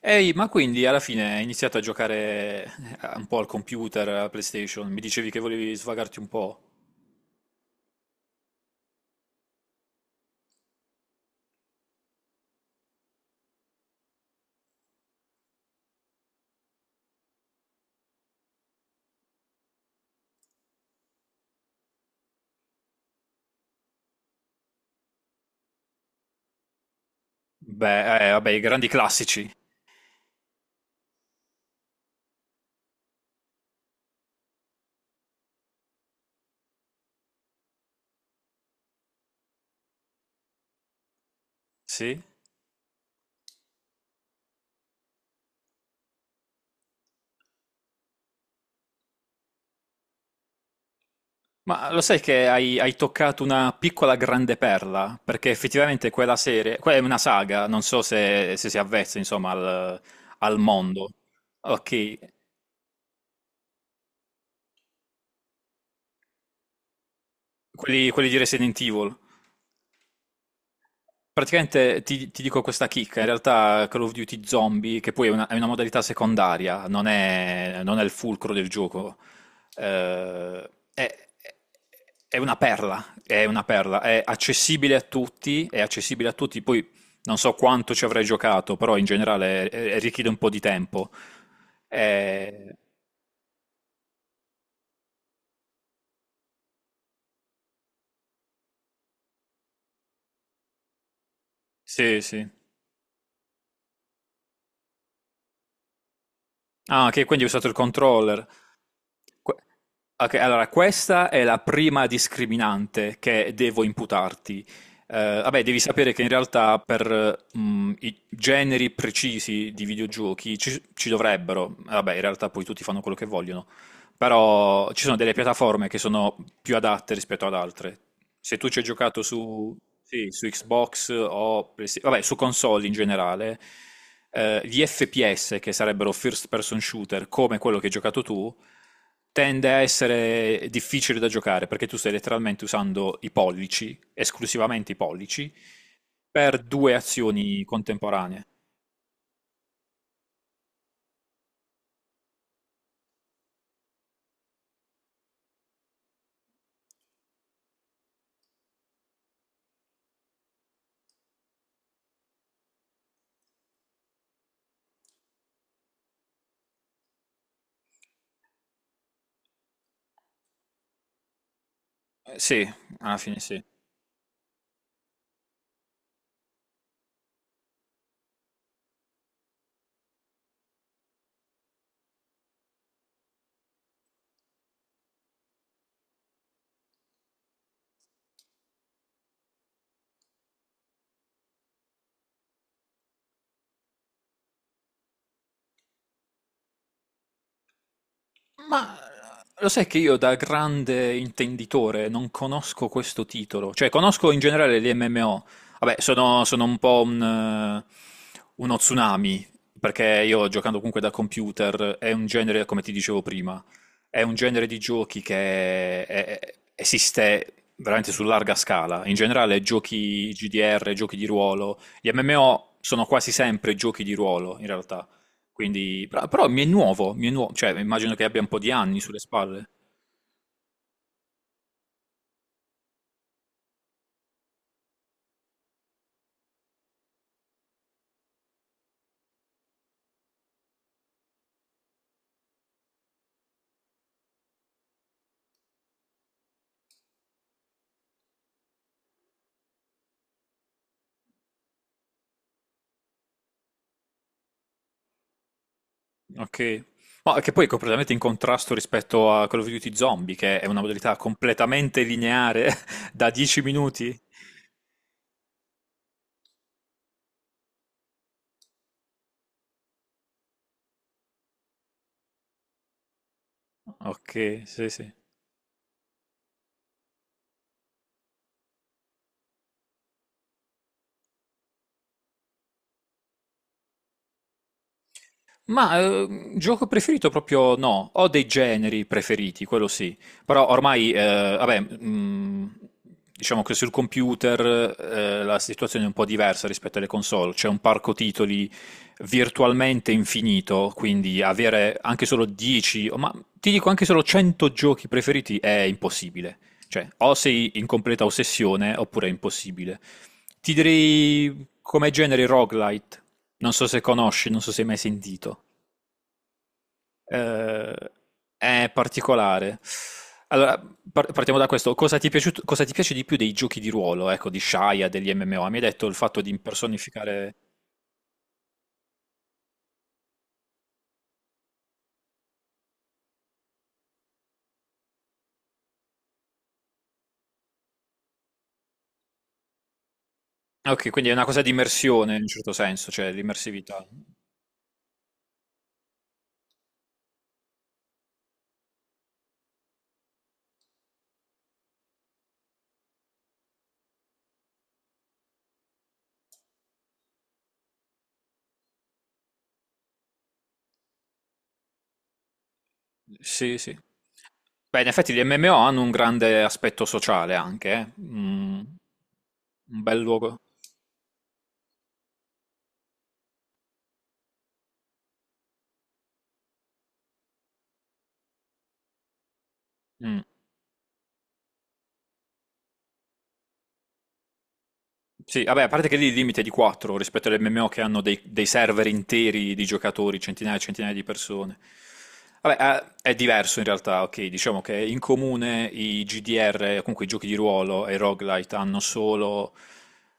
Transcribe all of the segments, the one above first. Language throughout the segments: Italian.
Ehi, ma quindi alla fine hai iniziato a giocare un po' al computer, alla PlayStation? Mi dicevi che volevi svagarti un po'? Beh, vabbè, i grandi classici, sì? Ma lo sai che hai toccato una piccola grande perla? Perché effettivamente quella serie, quella è una saga, non so se si avvezza, insomma, al mondo. Ok, quelli di Resident Evil. Praticamente ti dico questa chicca, in realtà Call of Duty Zombie, che poi è una modalità secondaria, non è il fulcro del gioco, eh, è, è una perla, è una perla, è accessibile a tutti, è accessibile a tutti, poi non so quanto ci avrei giocato, però in generale richiede un po' di tempo. Eh, sì, sì. Ah, ok, quindi hai usato il controller. Que- ok, allora questa è la prima discriminante che devo imputarti. Vabbè, devi sapere che in realtà per i generi precisi di videogiochi ci dovrebbero, vabbè, in realtà poi tutti fanno quello che vogliono, però ci sono delle piattaforme che sono più adatte rispetto ad altre. Se tu ci hai giocato su, sì, su Xbox o vabbè, su console in generale, gli FPS, che sarebbero first person shooter, come quello che hai giocato tu, tende a essere difficile da giocare perché tu stai letteralmente usando i pollici, esclusivamente i pollici, per due azioni contemporanee. Sì, alla fine sì. Ma ah, lo sai che io da grande intenditore non conosco questo titolo, cioè conosco in generale gli MMO, vabbè sono un po' uno tsunami, perché io giocando comunque da computer è un genere, come ti dicevo prima, è un genere di giochi che esiste veramente su larga scala, in generale giochi GDR, giochi di ruolo, gli MMO sono quasi sempre giochi di ruolo in realtà. Quindi, però mi è nuovo, cioè immagino che abbia un po' di anni sulle spalle. Ok. Ma che poi è completamente in contrasto rispetto a Call of Duty Zombie, che è una modalità completamente lineare da 10 minuti. Ok, sì, sì. Ma gioco preferito proprio no, ho dei generi preferiti, quello sì, però ormai, vabbè, diciamo che sul computer la situazione è un po' diversa rispetto alle console, c'è un parco titoli virtualmente infinito, quindi avere anche solo 10, o ma ti dico anche solo 100 giochi preferiti è impossibile, cioè o sei in completa ossessione oppure è impossibile. Ti direi come genere roguelite. Non so se conosci, non so se hai mai sentito. Eh, è particolare. Allora, partiamo da questo. Cosa ti piace di più dei giochi di ruolo, ecco, di Shaya, degli MMO? Mi hai detto il fatto di impersonificare... Ah, ok, quindi è una cosa di immersione in un certo senso, cioè l'immersività. Sì, sì. Beh, in effetti gli MMO hanno un grande aspetto sociale anche, eh. Mm, un bel luogo. Mm. Sì, vabbè, a parte che lì il limite è di 4 rispetto alle MMO che hanno dei server interi di giocatori, centinaia e centinaia di persone. Vabbè, è diverso in realtà, ok, diciamo che in comune i GDR, comunque i giochi di ruolo e i roguelite hanno solo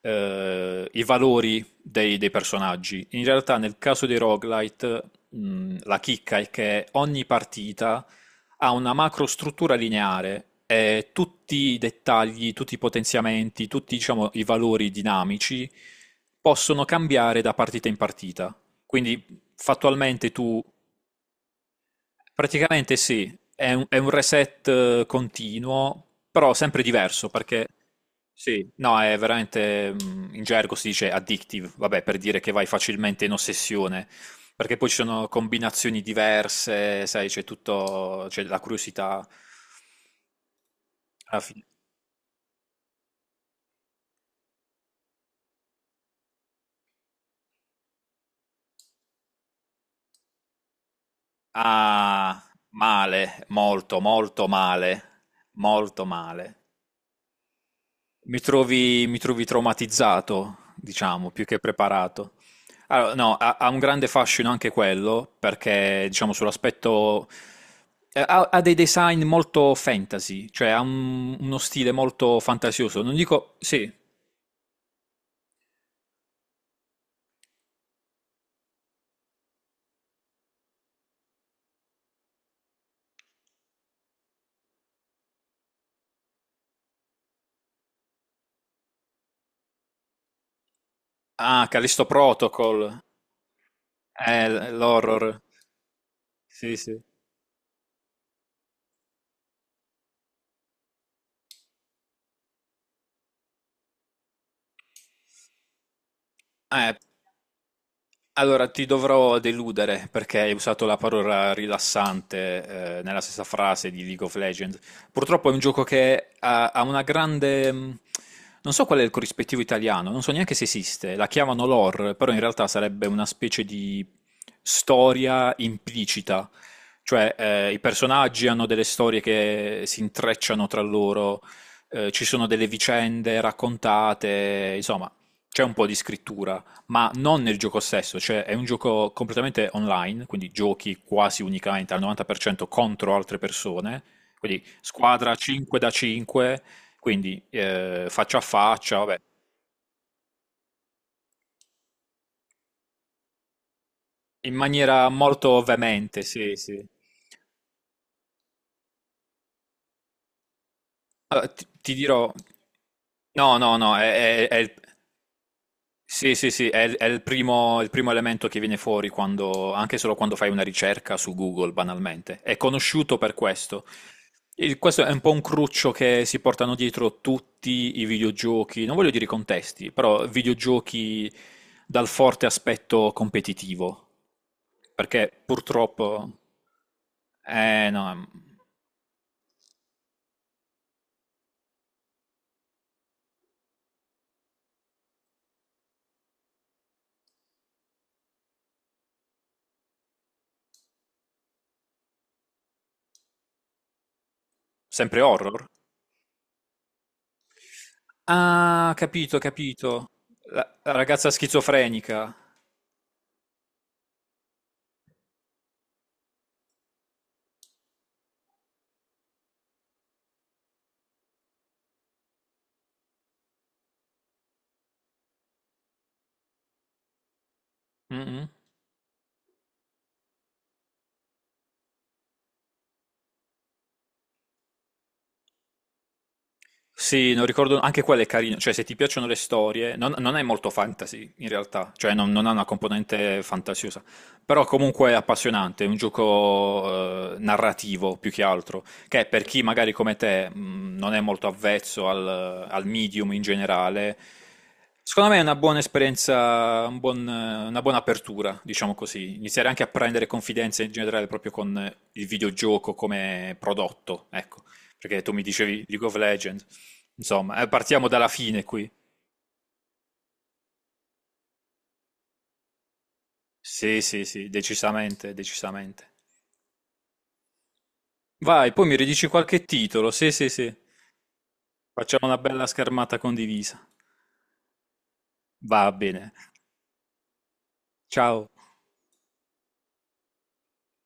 i valori dei personaggi. In realtà nel caso dei roguelite, la chicca è che ogni partita ha una macrostruttura lineare e tutti i dettagli, tutti i potenziamenti, tutti, diciamo, i valori dinamici possono cambiare da partita in partita. Quindi fattualmente tu. Praticamente sì, è un reset continuo, però sempre diverso perché sì, no, è veramente in gergo si dice addictive, vabbè, per dire che vai facilmente in ossessione, perché poi ci sono combinazioni diverse, sai, c'è tutto, c'è la curiosità alla fine. Ah, male, molto, molto male, molto male. Mi trovi traumatizzato, diciamo, più che preparato. Allora, no, ha un grande fascino anche quello, perché diciamo sull'aspetto... Ha dei design molto fantasy, cioè ha uno stile molto fantasioso. Non dico... Sì. Ah, Callisto Protocol. L'horror. Sì, sì. Eh, Allora, ti dovrò deludere perché hai usato la parola rilassante, nella stessa frase di League of Legends. Purtroppo è un gioco che ha una grande... Non so qual è il corrispettivo italiano, non so neanche se esiste. La chiamano lore, però in realtà sarebbe una specie di storia implicita. Cioè, i personaggi hanno delle storie che si intrecciano tra loro, ci sono delle vicende raccontate, insomma, c'è un po' di scrittura ma non nel gioco stesso, cioè è un gioco completamente online, quindi giochi quasi unicamente al 90% contro altre persone, quindi squadra 5 da 5, quindi faccia a faccia, vabbè, in maniera molto veemente, sì, sì. Allora, ti dirò, no, no, no, è il. Sì, sì, sì, è il primo, elemento che viene fuori anche solo quando fai una ricerca su Google, banalmente. È conosciuto per questo. Questo è un po' un cruccio che si portano dietro tutti i videogiochi, non voglio dire contesti, però videogiochi dal forte aspetto competitivo. Perché purtroppo... Eh no, sempre horror? Ah, capito, capito. La ragazza schizofrenica. Mm, mm. Sì, non ricordo, anche quella è carina, cioè se ti piacciono le storie, non è molto fantasy in realtà, cioè non ha una componente fantasiosa, però comunque è appassionante, è un gioco narrativo più che altro, che per chi magari come te non è molto avvezzo al medium in generale, secondo me è una buona esperienza, una buona apertura, diciamo così, iniziare anche a prendere confidenza in generale proprio con il videogioco come prodotto, ecco, perché tu mi dicevi League of Legends. Insomma, partiamo dalla fine qui. Sì, sì, sì, decisamente, decisamente. Vai, poi mi ridici qualche titolo. Sì, sì, sì. Facciamo una bella schermata condivisa. Va bene. Ciao.